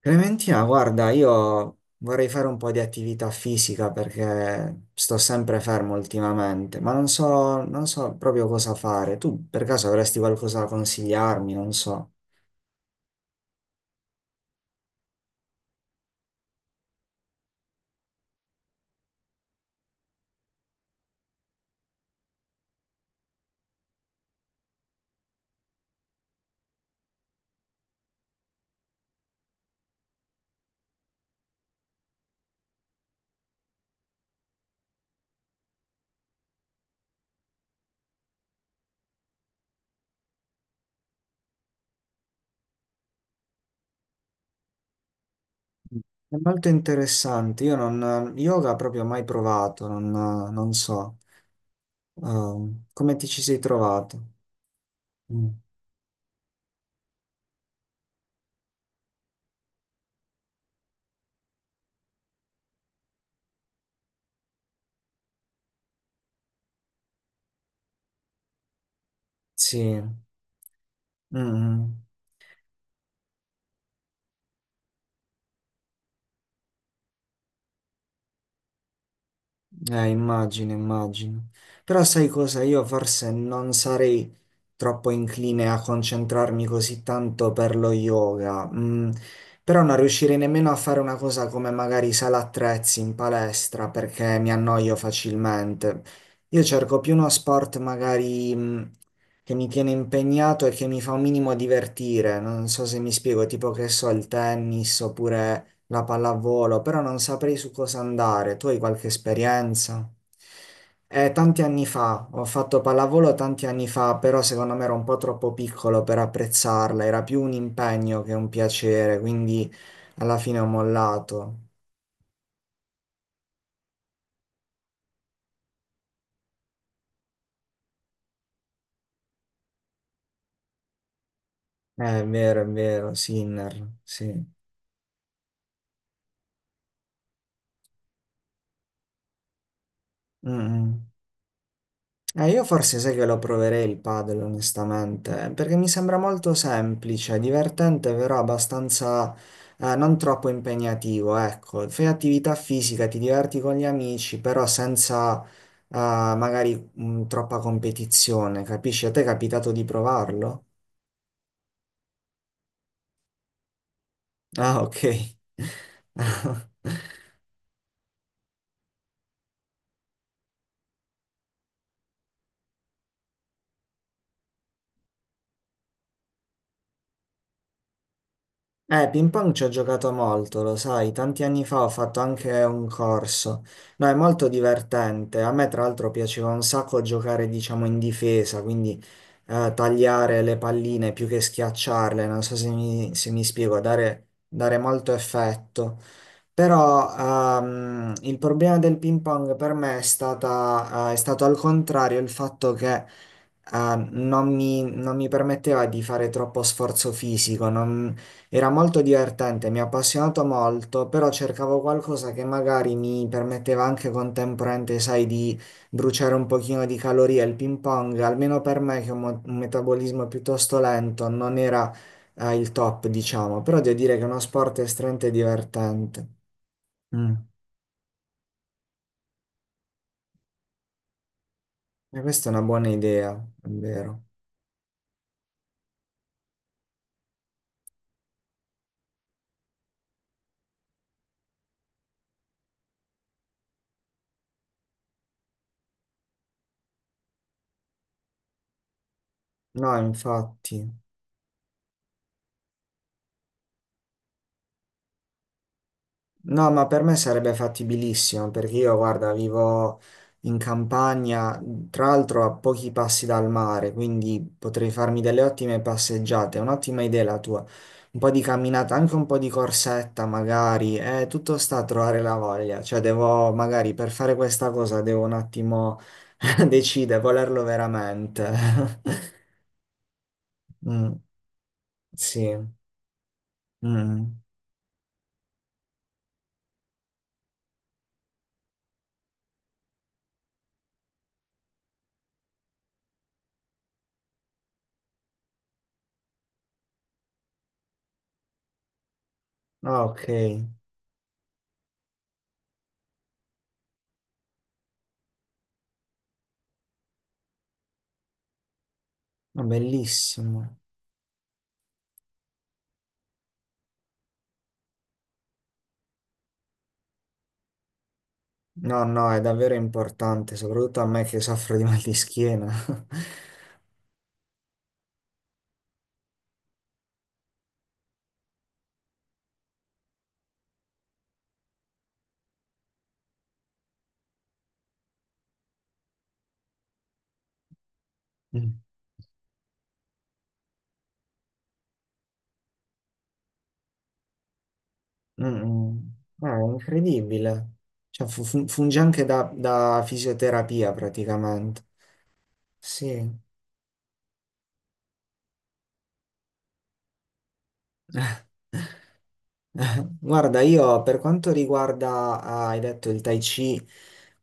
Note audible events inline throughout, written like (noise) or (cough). Clementina, guarda, io vorrei fare un po' di attività fisica perché sto sempre fermo ultimamente, ma non so, non so proprio cosa fare. Tu per caso avresti qualcosa da consigliarmi? Non so. È molto interessante. Io non, yoga proprio mai provato, non, non so. Come ti ci sei trovato? Mm. Sì. Mm. Mm. Immagino, immagino. Però sai cosa? Io forse non sarei troppo incline a concentrarmi così tanto per lo yoga. Mm, però non riuscirei nemmeno a fare una cosa come magari sala attrezzi in palestra perché mi annoio facilmente. Io cerco più uno sport magari, mm, che mi tiene impegnato e che mi fa un minimo divertire. Non so se mi spiego, tipo che so, il tennis oppure la pallavolo, però non saprei su cosa andare. Tu hai qualche esperienza? Tanti anni fa, ho fatto pallavolo tanti anni fa, però secondo me ero un po' troppo piccolo per apprezzarla, era più un impegno che un piacere, quindi alla fine ho mollato. È vero, è vero, Sinner, sì. Mm, mm. Io forse sai che lo proverei il padel, onestamente, perché mi sembra molto semplice, divertente, però abbastanza non troppo impegnativo, ecco. Fai attività fisica, ti diverti con gli amici, però senza magari troppa competizione, capisci? A te è capitato di provarlo? Ah, ok. (laughs) Ping pong ci ho giocato molto, lo sai, tanti anni fa ho fatto anche un corso. No, è molto divertente. A me, tra l'altro, piaceva un sacco giocare, diciamo, in difesa, quindi tagliare le palline più che schiacciarle, non so se mi, se mi spiego, dare, dare molto effetto. Però il problema del ping pong per me è stata, è stato al contrario il fatto che non mi, non mi permetteva di fare troppo sforzo fisico, non, era molto divertente, mi ha appassionato molto, però cercavo qualcosa che magari mi permetteva anche contemporaneamente, sai, di bruciare un pochino di calorie. Il ping pong, almeno per me che ho un un metabolismo piuttosto lento, non era, il top, diciamo, però devo dire che è uno sport estremamente divertente. Mm. E questa è una buona idea, è vero. No, infatti. No, ma per me sarebbe fattibilissimo perché io, guarda, vivo in campagna, tra l'altro a pochi passi dal mare, quindi potrei farmi delle ottime passeggiate. È un'ottima idea la tua. Un po' di camminata, anche un po' di corsetta magari. Tutto sta a trovare la voglia. Cioè, devo magari per fare questa cosa devo un attimo (laughs) decidere, volerlo veramente. (laughs) Mm, sì. Mm. Ah, ok. Ma bellissimo. No, no, è davvero importante, soprattutto a me che soffro di mal di schiena. (laughs) Mm. Mm, mm. Ah, è incredibile. Cioè, funge anche da, da fisioterapia praticamente. Sì. (laughs) Guarda, io per quanto riguarda, ah, hai detto il Tai Chi,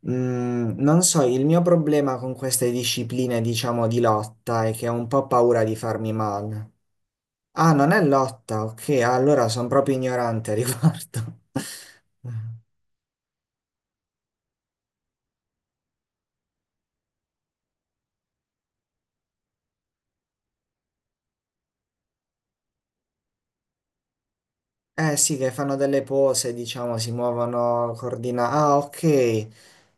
mm, non so, il mio problema con queste discipline, diciamo, di lotta è che ho un po' paura di farmi male. Ah, non è lotta, ok, allora sono proprio ignorante a riguardo. (laughs) Eh sì, che fanno delle pose, diciamo, si muovono coordinati. Ah, ok.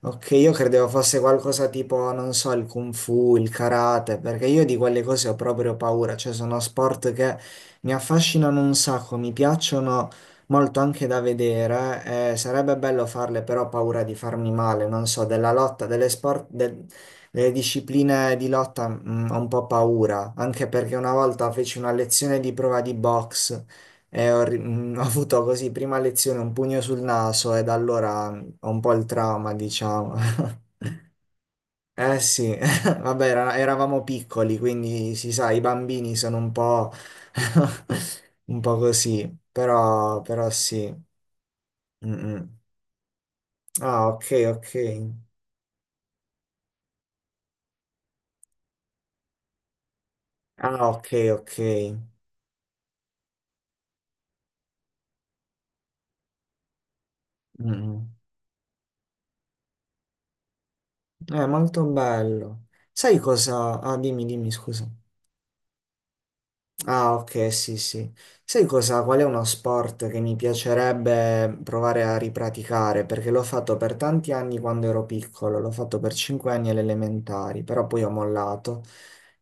Ok, io credevo fosse qualcosa tipo, non so, il kung fu, il karate, perché io di quelle cose ho proprio paura, cioè sono sport che mi affascinano un sacco, mi piacciono molto anche da vedere, sarebbe bello farle, però ho paura di farmi male, non so, della lotta, delle sport, delle discipline di lotta, mm, ho un po' paura, anche perché una volta feci una lezione di prova di box. E ho, ho avuto così prima lezione un pugno sul naso e da allora mm, ho un po' il trauma, diciamo. (laughs) Eh sì, (laughs) vabbè, eravamo piccoli, quindi si sa, i bambini sono un po', (laughs) un po' così, però, però sì. Mm, mm. Ah, ok, ok. Ah, ok, ok. Mm, mm. È molto bello. Sai cosa? Ah, dimmi, dimmi, scusa. Ah, ok, sì, sì. Sai cosa? Qual è uno sport che mi piacerebbe provare a ripraticare? Perché l'ho fatto per tanti anni quando ero piccolo, l'ho fatto per 5 anni alle elementari, però poi ho mollato.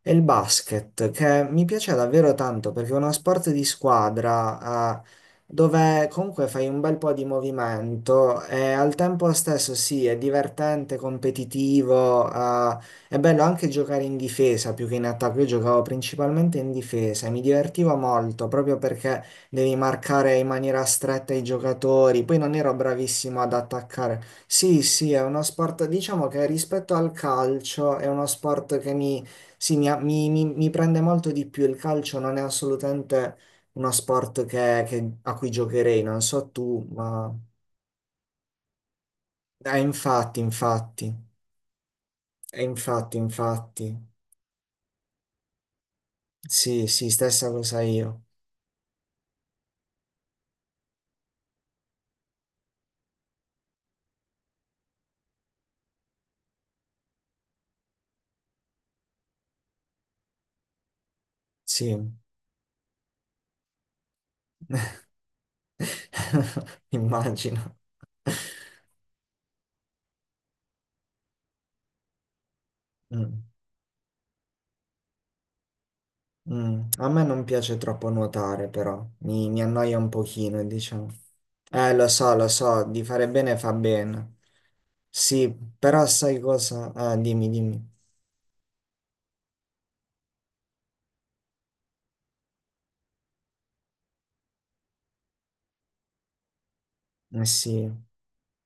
E il basket, che mi piace davvero tanto perché è uno sport di squadra, dove comunque fai un bel po' di movimento e al tempo stesso sì, è divertente, competitivo, è bello anche giocare in difesa più che in attacco. Io giocavo principalmente in difesa e mi divertivo molto proprio perché devi marcare in maniera stretta i giocatori. Poi non ero bravissimo ad attaccare. Sì, sì, è uno sport, diciamo che rispetto al calcio è uno sport che mi sì, mi, mi prende molto di più il calcio, non è assolutamente uno sport a cui giocherei, non so tu, ma... infatti, infatti, infatti, infatti, sì, sì, stessa cosa io, sì, (laughs) immagino. Mm, mm. A me non piace troppo nuotare, però, mi annoia un pochino, diciamo. Lo so, di fare bene fa bene, sì, però sai cosa? Dimmi, dimmi. Eh sì,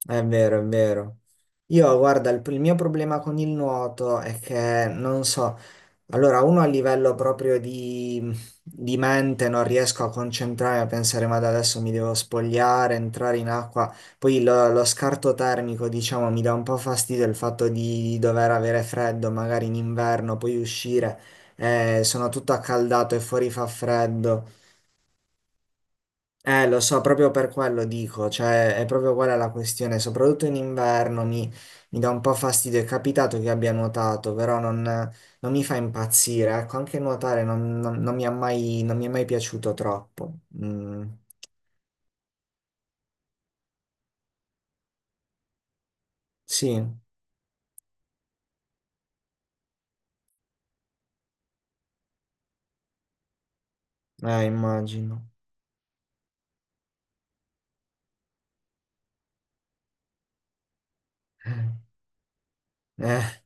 è vero, è vero. Io, guarda, il mio problema con il nuoto è che non so, allora uno a livello proprio di mente non riesco a concentrarmi, a pensare, ma da adesso mi devo spogliare, entrare in acqua, poi lo, lo scarto termico, diciamo, mi dà un po' fastidio il fatto di dover avere freddo, magari in inverno, poi uscire, sono tutto accaldato e fuori fa freddo. Lo so, proprio per quello dico, cioè è proprio quella la questione, soprattutto in inverno mi, mi dà un po' fastidio, è capitato che abbia nuotato, però non, non mi fa impazzire, ecco, anche nuotare non, non mi ha mai, non mi è mai piaciuto troppo. Mm, sì, immagino. Eh,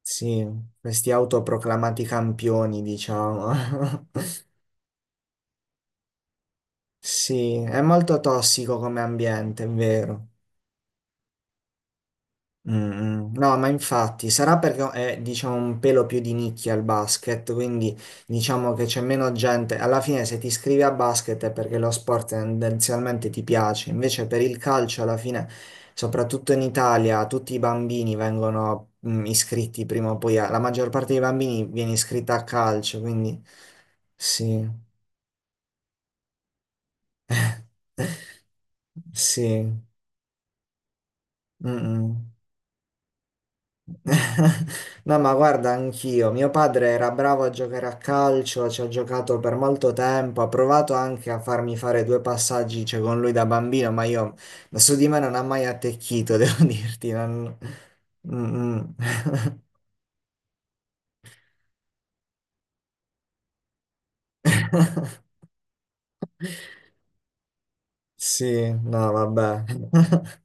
sì, questi autoproclamati campioni, diciamo. (laughs) Sì, è molto tossico come ambiente, è vero. Mm, mm. No, ma infatti sarà perché è, diciamo, un pelo più di nicchia il basket, quindi diciamo che c'è meno gente. Alla fine, se ti iscrivi a basket è perché lo sport tendenzialmente ti piace. Invece, per il calcio, alla fine, soprattutto in Italia, tutti i bambini vengono, mm, iscritti prima o poi. La maggior parte dei bambini viene iscritta a calcio, quindi sì, sì. Mm, mm. No, ma guarda, anch'io. Mio padre era bravo a giocare a calcio, ci ha giocato per molto tempo, ha provato anche a farmi fare due passaggi, cioè, con lui da bambino, ma io su di me non ha mai attecchito, (laughs) devo dirti. Mm, mm. (laughs) Sì, no, vabbè. (laughs)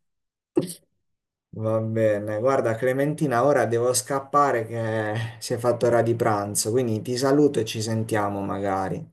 Va bene. Guarda, Clementina, ora devo scappare che si è fatto ora di pranzo, quindi ti saluto e ci sentiamo magari.